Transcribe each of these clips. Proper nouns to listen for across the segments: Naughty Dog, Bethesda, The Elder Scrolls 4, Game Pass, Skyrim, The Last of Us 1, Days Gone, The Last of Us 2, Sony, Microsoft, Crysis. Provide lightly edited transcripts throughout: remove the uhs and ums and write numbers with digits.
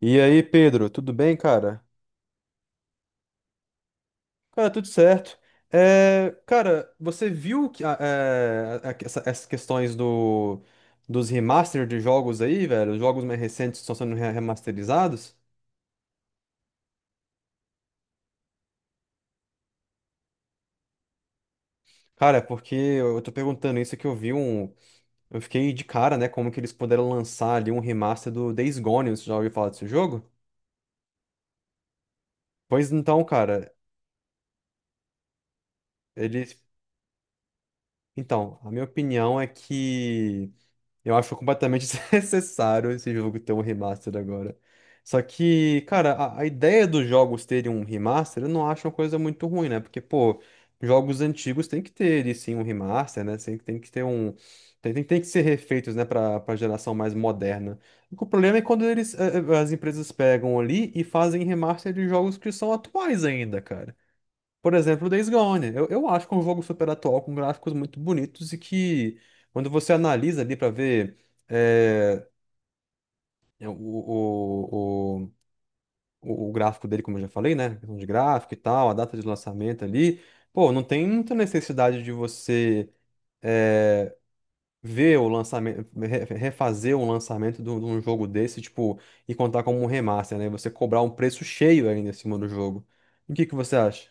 E aí, Pedro, tudo bem, cara? Cara, tudo certo. É, cara, você viu que, essas questões dos remaster de jogos aí, velho? Os jogos mais recentes estão sendo remasterizados? Cara, é porque eu tô perguntando isso que eu vi um. Eu fiquei de cara, né? Como que eles puderam lançar ali um remaster do Days Gone? Você já ouviu falar desse jogo? Pois então, cara, eles. Então, a minha opinião é que. Eu acho completamente desnecessário esse jogo ter um remaster agora. Só que, cara, a ideia dos jogos terem um remaster, eu não acho uma coisa muito ruim, né? Porque, pô, jogos antigos tem que ter, e sim, um remaster, né? Tem que ter um. Tem que ser refeitos, né, pra geração mais moderna. O problema é quando eles, as empresas pegam ali e fazem remaster de jogos que são atuais ainda, cara. Por exemplo, o Days Gone. Eu acho que é um jogo super atual, com gráficos muito bonitos e que, quando você analisa ali para ver é, o o gráfico dele, como eu já falei, né? Questão de gráfico e tal, a data de lançamento ali, pô, não tem muita necessidade de você é, ver o lançamento, refazer um lançamento de um jogo desse, tipo, e contar como um remaster, né? Você cobrar um preço cheio ainda em cima do jogo. O que que você acha?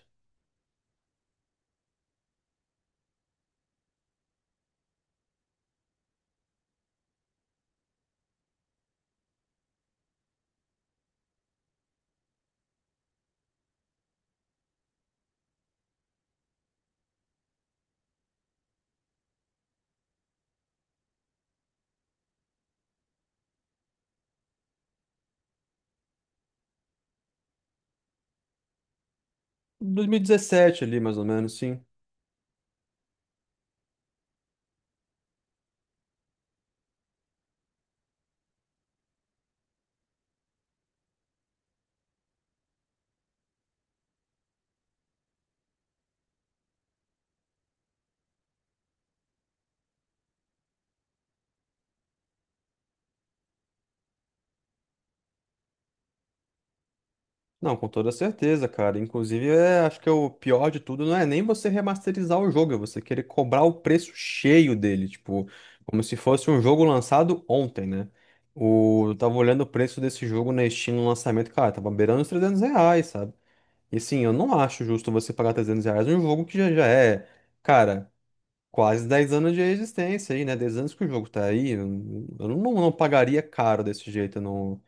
2017 ali, mais ou menos, sim. Não, com toda certeza, cara. Inclusive, é, acho que é o pior de tudo não é nem você remasterizar o jogo, é você querer cobrar o preço cheio dele, tipo, como se fosse um jogo lançado ontem, né? O, eu tava olhando o preço desse jogo na Steam no lançamento, cara, tava beirando os R$ 300, sabe? E sim, eu não acho justo você pagar R$ 300 num jogo que já é, cara, quase 10 anos de existência aí, né? 10 anos que o jogo tá aí. Eu, não, não pagaria caro desse jeito num,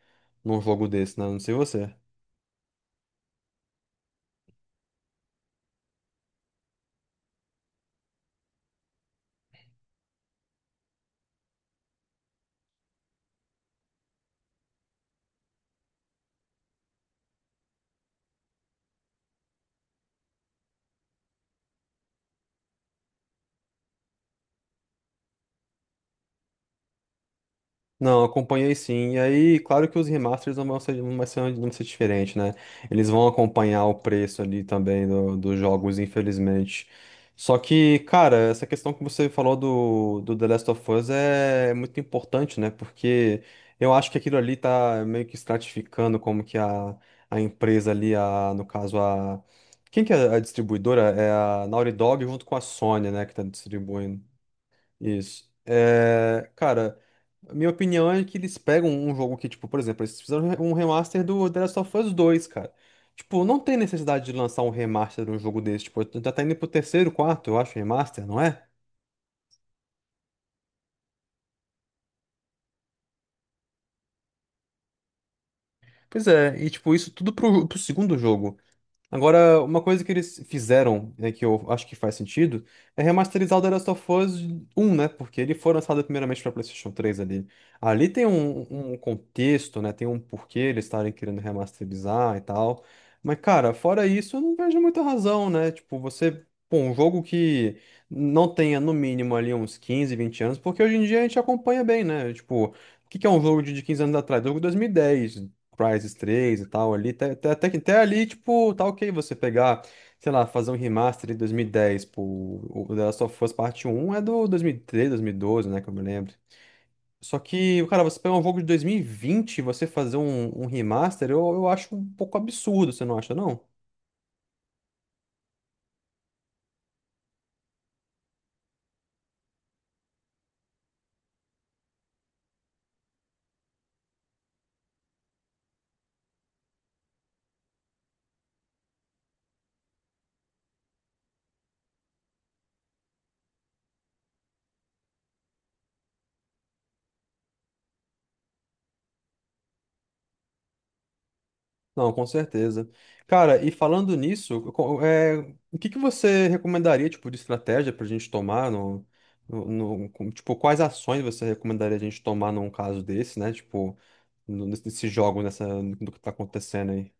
num jogo desse, né? Não sei você. Não, acompanhei sim. E aí, claro que os remasters não vão ser, não vai ser, não vai ser diferente, né? Eles vão acompanhar o preço ali também dos jogos, infelizmente. Só que, cara, essa questão que você falou do The Last of Us é muito importante, né? Porque eu acho que aquilo ali tá meio que estratificando como que a empresa ali, a, no caso, a. Quem que é a distribuidora? É a Naughty Dog junto com a Sony, né, que tá distribuindo. Isso. É, cara, a minha opinião é que eles pegam um jogo que, tipo, por exemplo, eles fizeram um remaster do The Last of Us 2, cara. Tipo, não tem necessidade de lançar um remaster de um jogo desse. Tipo, já tá indo pro terceiro, quarto, eu acho, remaster, não é? Pois é, e tipo, isso tudo pro segundo jogo. Agora, uma coisa que eles fizeram, né, que eu acho que faz sentido, é remasterizar o The Last of Us 1, né? Porque ele foi lançado primeiramente para PlayStation 3 ali. Ali tem um contexto, né? Tem um porquê eles estarem querendo remasterizar e tal. Mas, cara, fora isso, eu não vejo muita razão, né? Tipo, você. Pô, um jogo que não tenha no mínimo ali uns 15 20 anos, porque hoje em dia a gente acompanha bem, né? Tipo, o que que é um jogo de 15 anos atrás? Jogo de 2010 Crysis 3 e tal ali, até, até ali, tipo, tá ok você pegar, sei lá, fazer um remaster de 2010, pô, o The Last of Us Parte um é do 2013, 2012, né, que eu me lembro. Só que, cara, você pegar um jogo de 2020 e vinte e você fazer um remaster, eu acho um pouco absurdo, você não acha, não? Não, com certeza. Cara, e falando nisso, o que que você recomendaria, tipo, de estratégia pra gente tomar tipo, quais ações você recomendaria a gente tomar num caso desse, né? Tipo, nesse jogo, nessa, no que tá acontecendo aí.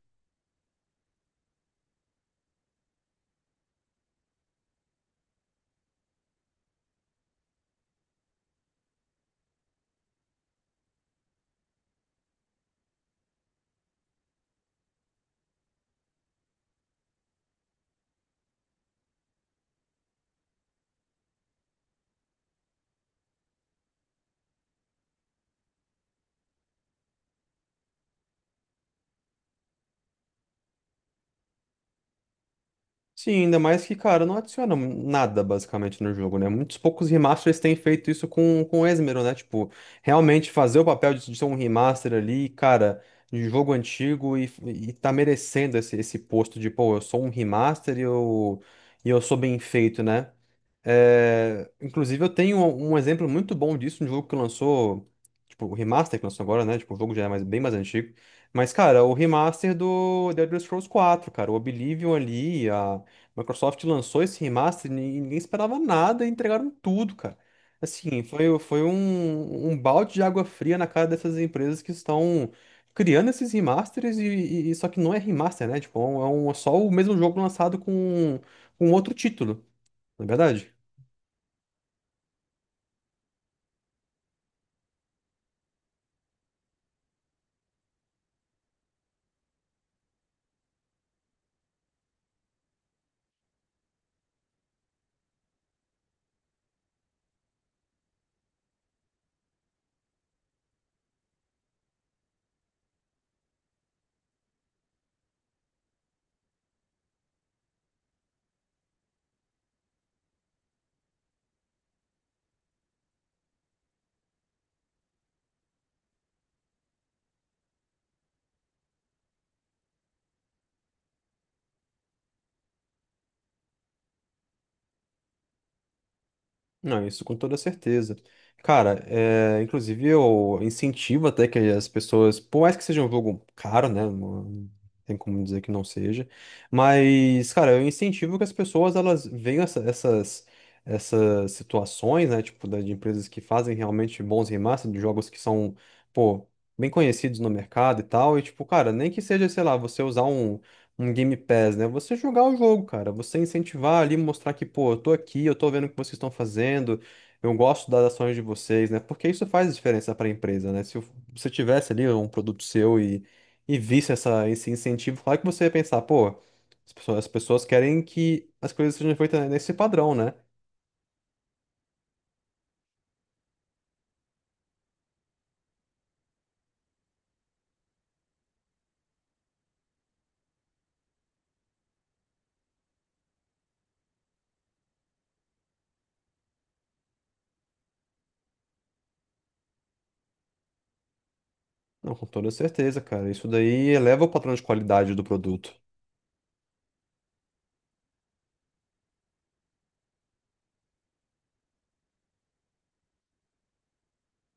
Sim, ainda mais que, cara, não adiciona nada basicamente no jogo, né? Muitos poucos remasters têm feito isso com esmero, né? Tipo, realmente fazer o papel de ser um remaster ali, cara, de jogo antigo e tá merecendo esse posto de, pô, eu sou um remaster e eu sou bem feito, né? É, inclusive, eu tenho um exemplo muito bom disso, um jogo que lançou, tipo, o remaster que lançou agora, né? Tipo, o jogo já é bem mais antigo. Mas, cara, o remaster do The Elder Scrolls 4, cara, o Oblivion ali, a Microsoft lançou esse remaster e ninguém esperava nada e entregaram tudo, cara. Assim, foi um balde de água fria na cara dessas empresas que estão criando esses remasters só que não é remaster, né? Tipo, é só o mesmo jogo lançado com outro título, não é verdade? Não, isso com toda certeza. Cara, é, inclusive eu incentivo até que as pessoas, por mais que seja um jogo caro, né? Não não tem como dizer que não seja. Mas, cara, eu incentivo que as pessoas elas vejam essas situações, né? Tipo, de empresas que fazem realmente bons remasters de jogos que são, pô, bem conhecidos no mercado e tal. E, tipo, cara, nem que seja, sei lá, você usar um Game Pass, né? Você jogar o jogo, cara. Você incentivar ali, mostrar que, pô, eu tô aqui, eu tô vendo o que vocês estão fazendo, eu gosto das ações de vocês, né? Porque isso faz diferença para a empresa, né? Se você tivesse ali um produto seu e visse esse incentivo, claro que você ia pensar, pô, as pessoas querem que as coisas sejam feitas nesse padrão, né? Não, com toda certeza, cara. Isso daí eleva o padrão de qualidade do produto.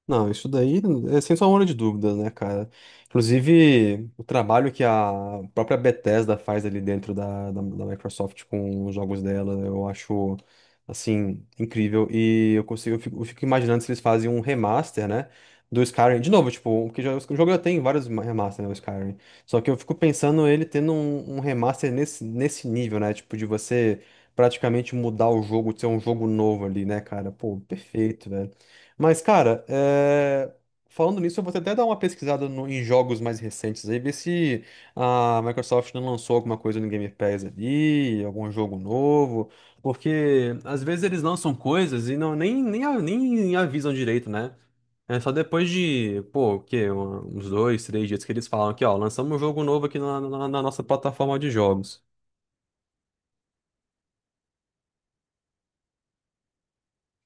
Não, isso daí é sem sombra de dúvidas, né, cara? Inclusive, o trabalho que a própria Bethesda faz ali dentro da Microsoft com os jogos dela, eu acho, assim, incrível. E eu consigo, eu fico imaginando se eles fazem um remaster, né, do Skyrim. De novo, tipo, porque já, o jogo já tem vários remasters né, o Skyrim. Só que eu fico pensando ele tendo um remaster nesse nível, né? Tipo, de você praticamente mudar o jogo, ser um jogo novo ali, né, cara? Pô, perfeito, velho. Mas, cara, é, falando nisso, eu vou até dar uma pesquisada em jogos mais recentes aí, ver se a Microsoft não lançou alguma coisa no Game Pass ali, algum jogo novo, porque às vezes eles lançam coisas e não, nem, nem avisam direito, né? É só depois de, pô, o quê? Uns dois, três dias que eles falam que, ó, lançamos um jogo novo aqui na nossa plataforma de jogos.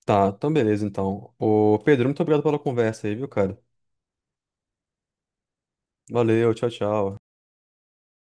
Tá, então beleza, então. Ô, Pedro, muito obrigado pela conversa aí, viu, cara? Valeu, tchau, tchau.